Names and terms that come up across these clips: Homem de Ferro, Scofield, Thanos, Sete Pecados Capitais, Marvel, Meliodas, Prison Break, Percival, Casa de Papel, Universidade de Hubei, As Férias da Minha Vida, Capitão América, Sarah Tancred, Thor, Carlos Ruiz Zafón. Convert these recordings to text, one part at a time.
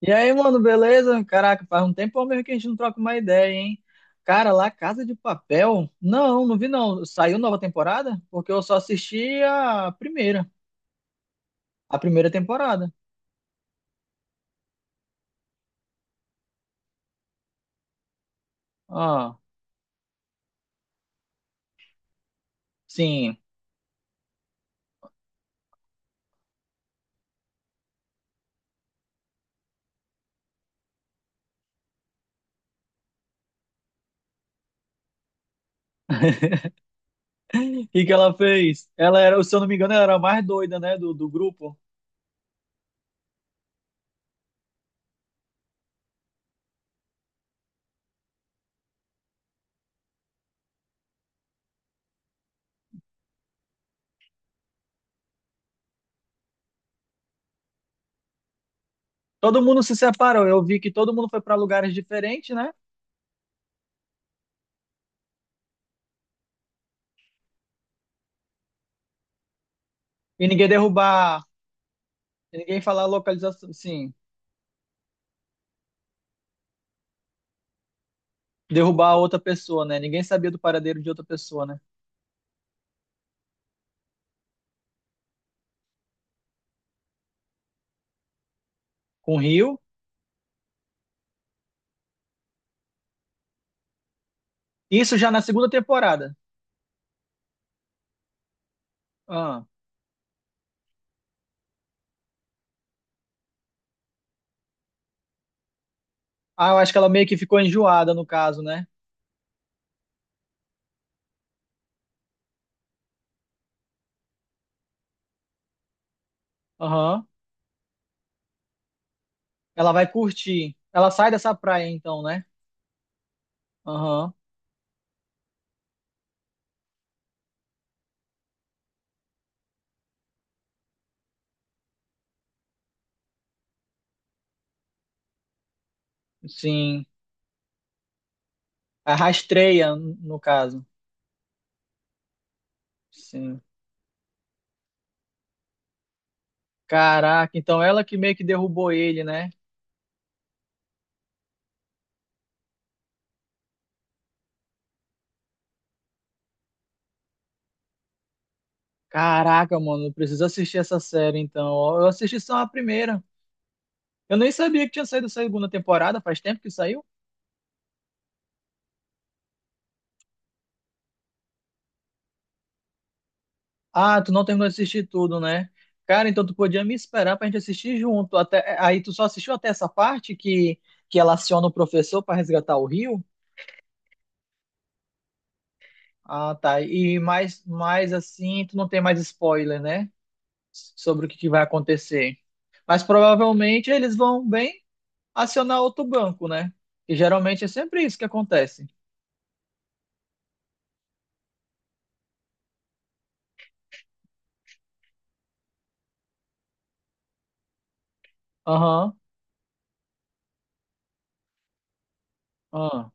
E aí, mano, beleza? Caraca, faz um tempão mesmo que a gente não troca uma ideia, hein? Cara, lá Casa de Papel? Não, não vi não. Saiu nova temporada? Porque eu só assisti a primeira temporada. Ah, sim. O que que ela fez? Ela era, se eu não me engano, ela era a mais doida, né, do grupo. Todo mundo se separou. Eu vi que todo mundo foi pra lugares diferentes, né? E ninguém derrubar, e ninguém falar a localização, sim, derrubar a outra pessoa, né? Ninguém sabia do paradeiro de outra pessoa, né? Com o Rio. Isso já na segunda temporada. Ah. Ah, eu acho que ela meio que ficou enjoada no caso, né? Aham. Ela vai curtir. Ela sai dessa praia então, né? Aham. Sim. A rastreia, no caso. Sim. Caraca, então ela que meio que derrubou ele, né? Caraca, mano, eu preciso assistir essa série então. Eu assisti só a primeira. Eu nem sabia que tinha saído a segunda temporada, faz tempo que saiu. Ah, tu não terminou de assistir tudo, né? Cara, então tu podia me esperar pra gente assistir junto. Até, é, aí tu só assistiu até essa parte que ela aciona o professor pra resgatar o Rio? Ah, tá. E mais assim, tu não tem mais spoiler, né? Sobre o que, que vai acontecer. Mas provavelmente eles vão bem acionar outro banco, né? E geralmente é sempre isso que acontece. Aham. Aham.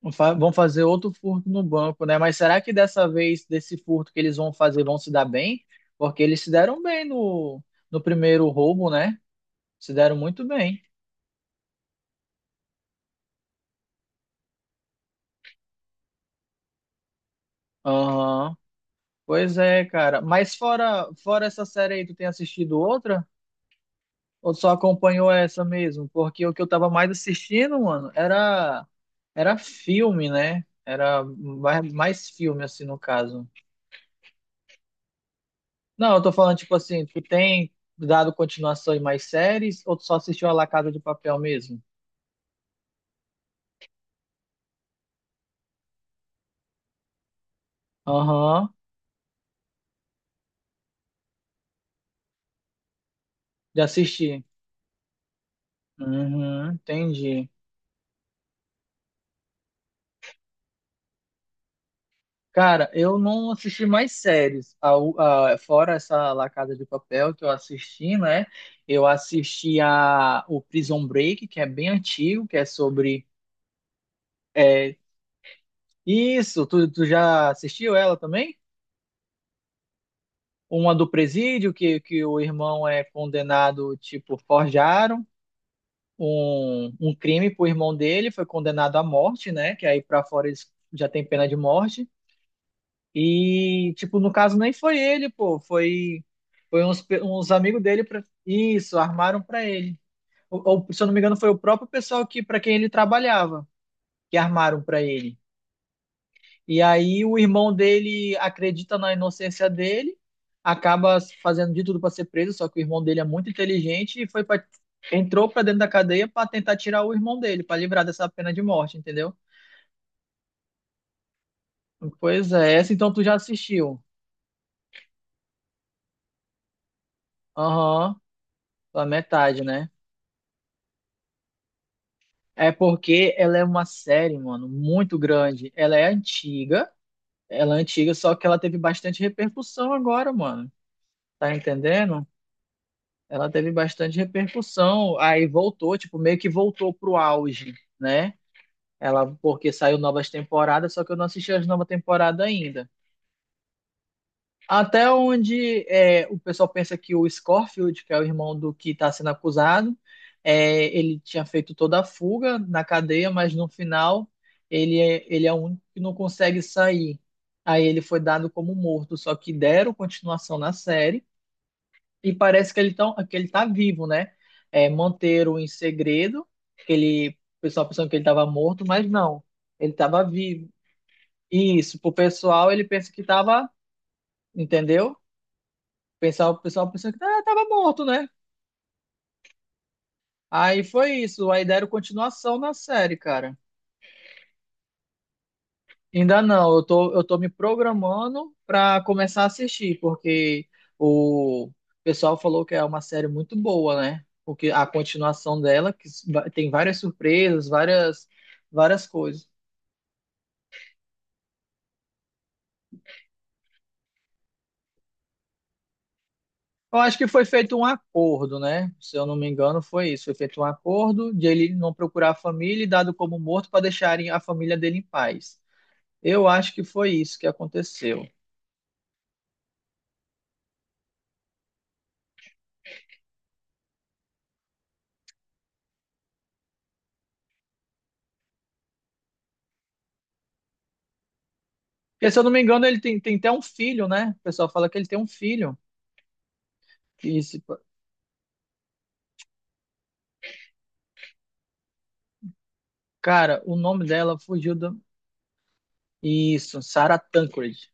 Vão fazer outro furto no banco, né? Mas será que dessa vez, desse furto que eles vão fazer, vão se dar bem? Porque eles se deram bem no primeiro roubo, né? Se deram muito bem. Aham. Pois é, cara. Mas fora essa série aí, tu tem assistido outra? Ou só acompanhou essa mesmo? Porque o que eu tava mais assistindo, mano, era, era filme, né? Era mais filme, assim, no caso. Não, eu tô falando, tipo assim, tu tem dado continuação em mais séries ou tu só assistiu a La Casa de Papel mesmo? Aham, já assisti. Uhum, entendi. Cara, eu não assisti mais séries. Fora essa La Casa de Papel que eu assisti, né? Eu assisti a, o Prison Break, que é bem antigo, que é sobre. É, isso, tu já assistiu ela também? Uma do presídio, que o irmão é condenado, tipo, forjaram. Um crime pro irmão dele, foi condenado à morte, né? Que aí pra fora eles já tem pena de morte. E, tipo, no caso nem foi ele, pô, foi, foi uns, uns amigos dele, pra, isso, armaram pra ele. Se eu não me engano, foi o próprio pessoal que, pra quem ele trabalhava, que armaram pra ele. E aí o irmão dele acredita na inocência dele, acaba fazendo de tudo para ser preso, só que o irmão dele é muito inteligente e foi pra, entrou para dentro da cadeia para tentar tirar o irmão dele, para livrar dessa pena de morte, entendeu? Pois é, essa então tu já assistiu. Aham, a metade, né? É porque ela é uma série, mano, muito grande. Ela é antiga, só que ela teve bastante repercussão agora, mano. Tá entendendo? Ela teve bastante repercussão, aí voltou, tipo, meio que voltou pro auge, né? Ela, porque saiu novas temporadas, só que eu não assisti as novas temporadas ainda. Até onde é, o pessoal pensa que o Scorfield, que é o irmão do que está sendo acusado, é, ele tinha feito toda a fuga na cadeia, mas no final ele é o único que não consegue sair. Aí ele foi dado como morto, só que deram continuação na série e parece que ele, tão, que ele tá vivo, né? É, manteram em segredo, que ele, o pessoal pensando que ele estava morto, mas não, ele estava vivo. E isso, pro pessoal, ele pensa que estava, entendeu? Pensava, o pessoal pensando que estava morto, né? Aí foi isso, aí deram continuação na série, cara. Ainda não, eu tô me programando para começar a assistir, porque o pessoal falou que é uma série muito boa, né? Porque a continuação dela tem várias surpresas, várias, várias coisas. Eu acho que foi feito um acordo, né? Se eu não me engano, foi isso. Foi feito um acordo de ele não procurar a família e dado como morto para deixarem a família dele em paz. Eu acho que foi isso que aconteceu. Porque, se eu não me engano, tem até um filho, né? O pessoal fala que ele tem um filho. Cara, o nome dela fugiu do. Isso, Sarah Tancred.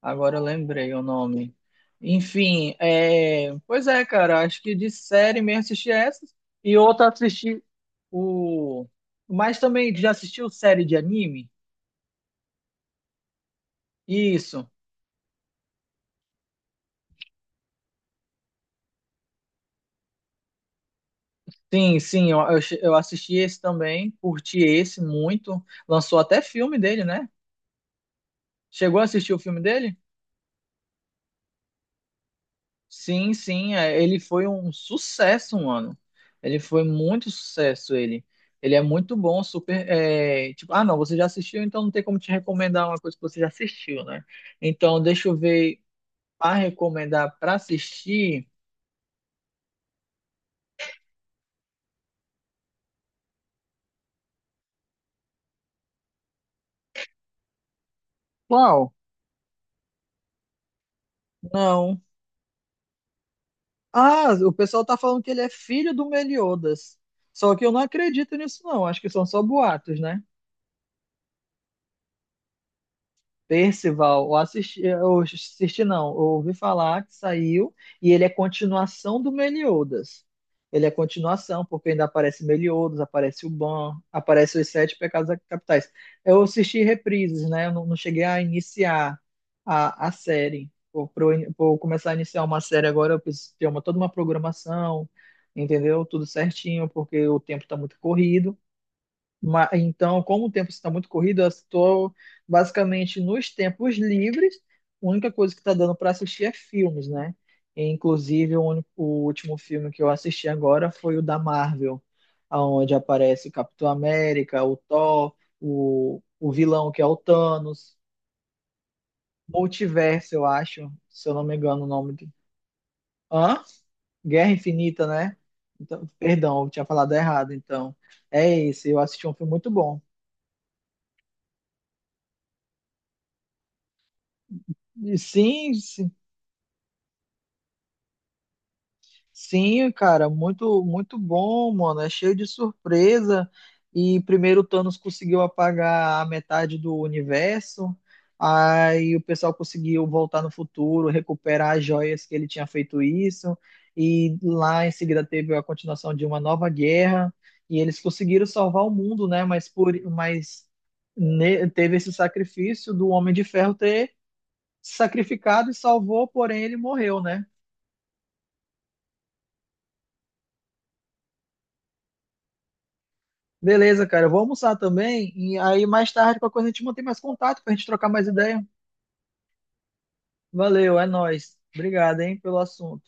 Agora eu lembrei o nome. Enfim, é... pois é, cara. Acho que de série mesmo assisti essa. E outra assisti o. Mas também já assistiu série de anime? Isso. Sim, sim, eu assisti esse também. Curti esse muito. Lançou até filme dele, né? Chegou a assistir o filme dele? Sim, sim, é, ele foi um sucesso, mano. Ele foi muito sucesso, ele. Ele é muito bom, super. É, tipo, ah, não, você já assistiu, então não tem como te recomendar uma coisa que você já assistiu, né? Então, deixa eu ver para recomendar para assistir. Qual? Não. Ah, o pessoal tá falando que ele é filho do Meliodas. Só que eu não acredito nisso, não. Acho que são só boatos, né? Percival, eu assisti não, eu ouvi falar que saiu e ele é continuação do Meliodas. Ele é continuação, porque ainda aparece Meliodas, aparece o Ban, aparece os Sete Pecados Capitais. Eu assisti reprises, né? Eu não, Não cheguei a iniciar a série. Por começar a iniciar uma série agora, eu preciso ter uma, toda uma programação, entendeu? Tudo certinho, porque o tempo está muito corrido. Então, como o tempo está muito corrido, eu estou basicamente nos tempos livres. A única coisa que está dando para assistir é filmes, né? E, inclusive, o último filme que eu assisti agora foi o da Marvel, onde aparece o Capitão América, o Thor, o vilão que é o Thanos, Multiverso, eu acho, se eu não me engano o nome. De... Hã? Guerra Infinita, né? Então, perdão, eu tinha falado errado, então. É esse, eu assisti um filme muito bom. E sim, sim, cara, muito bom, mano. É cheio de surpresa. E primeiro o Thanos conseguiu apagar a metade do universo. Aí o pessoal conseguiu voltar no futuro, recuperar as joias que ele tinha feito isso. E lá em seguida teve a continuação de uma nova guerra. E eles conseguiram salvar o mundo, né? Teve esse sacrifício do Homem de Ferro ter se sacrificado e salvou, porém ele morreu, né? Beleza, cara. Eu vou almoçar também. E aí, mais tarde, qualquer coisa, a gente mantém mais contato pra gente trocar mais ideia. Valeu, é nóis. Obrigado, hein, pelo assunto.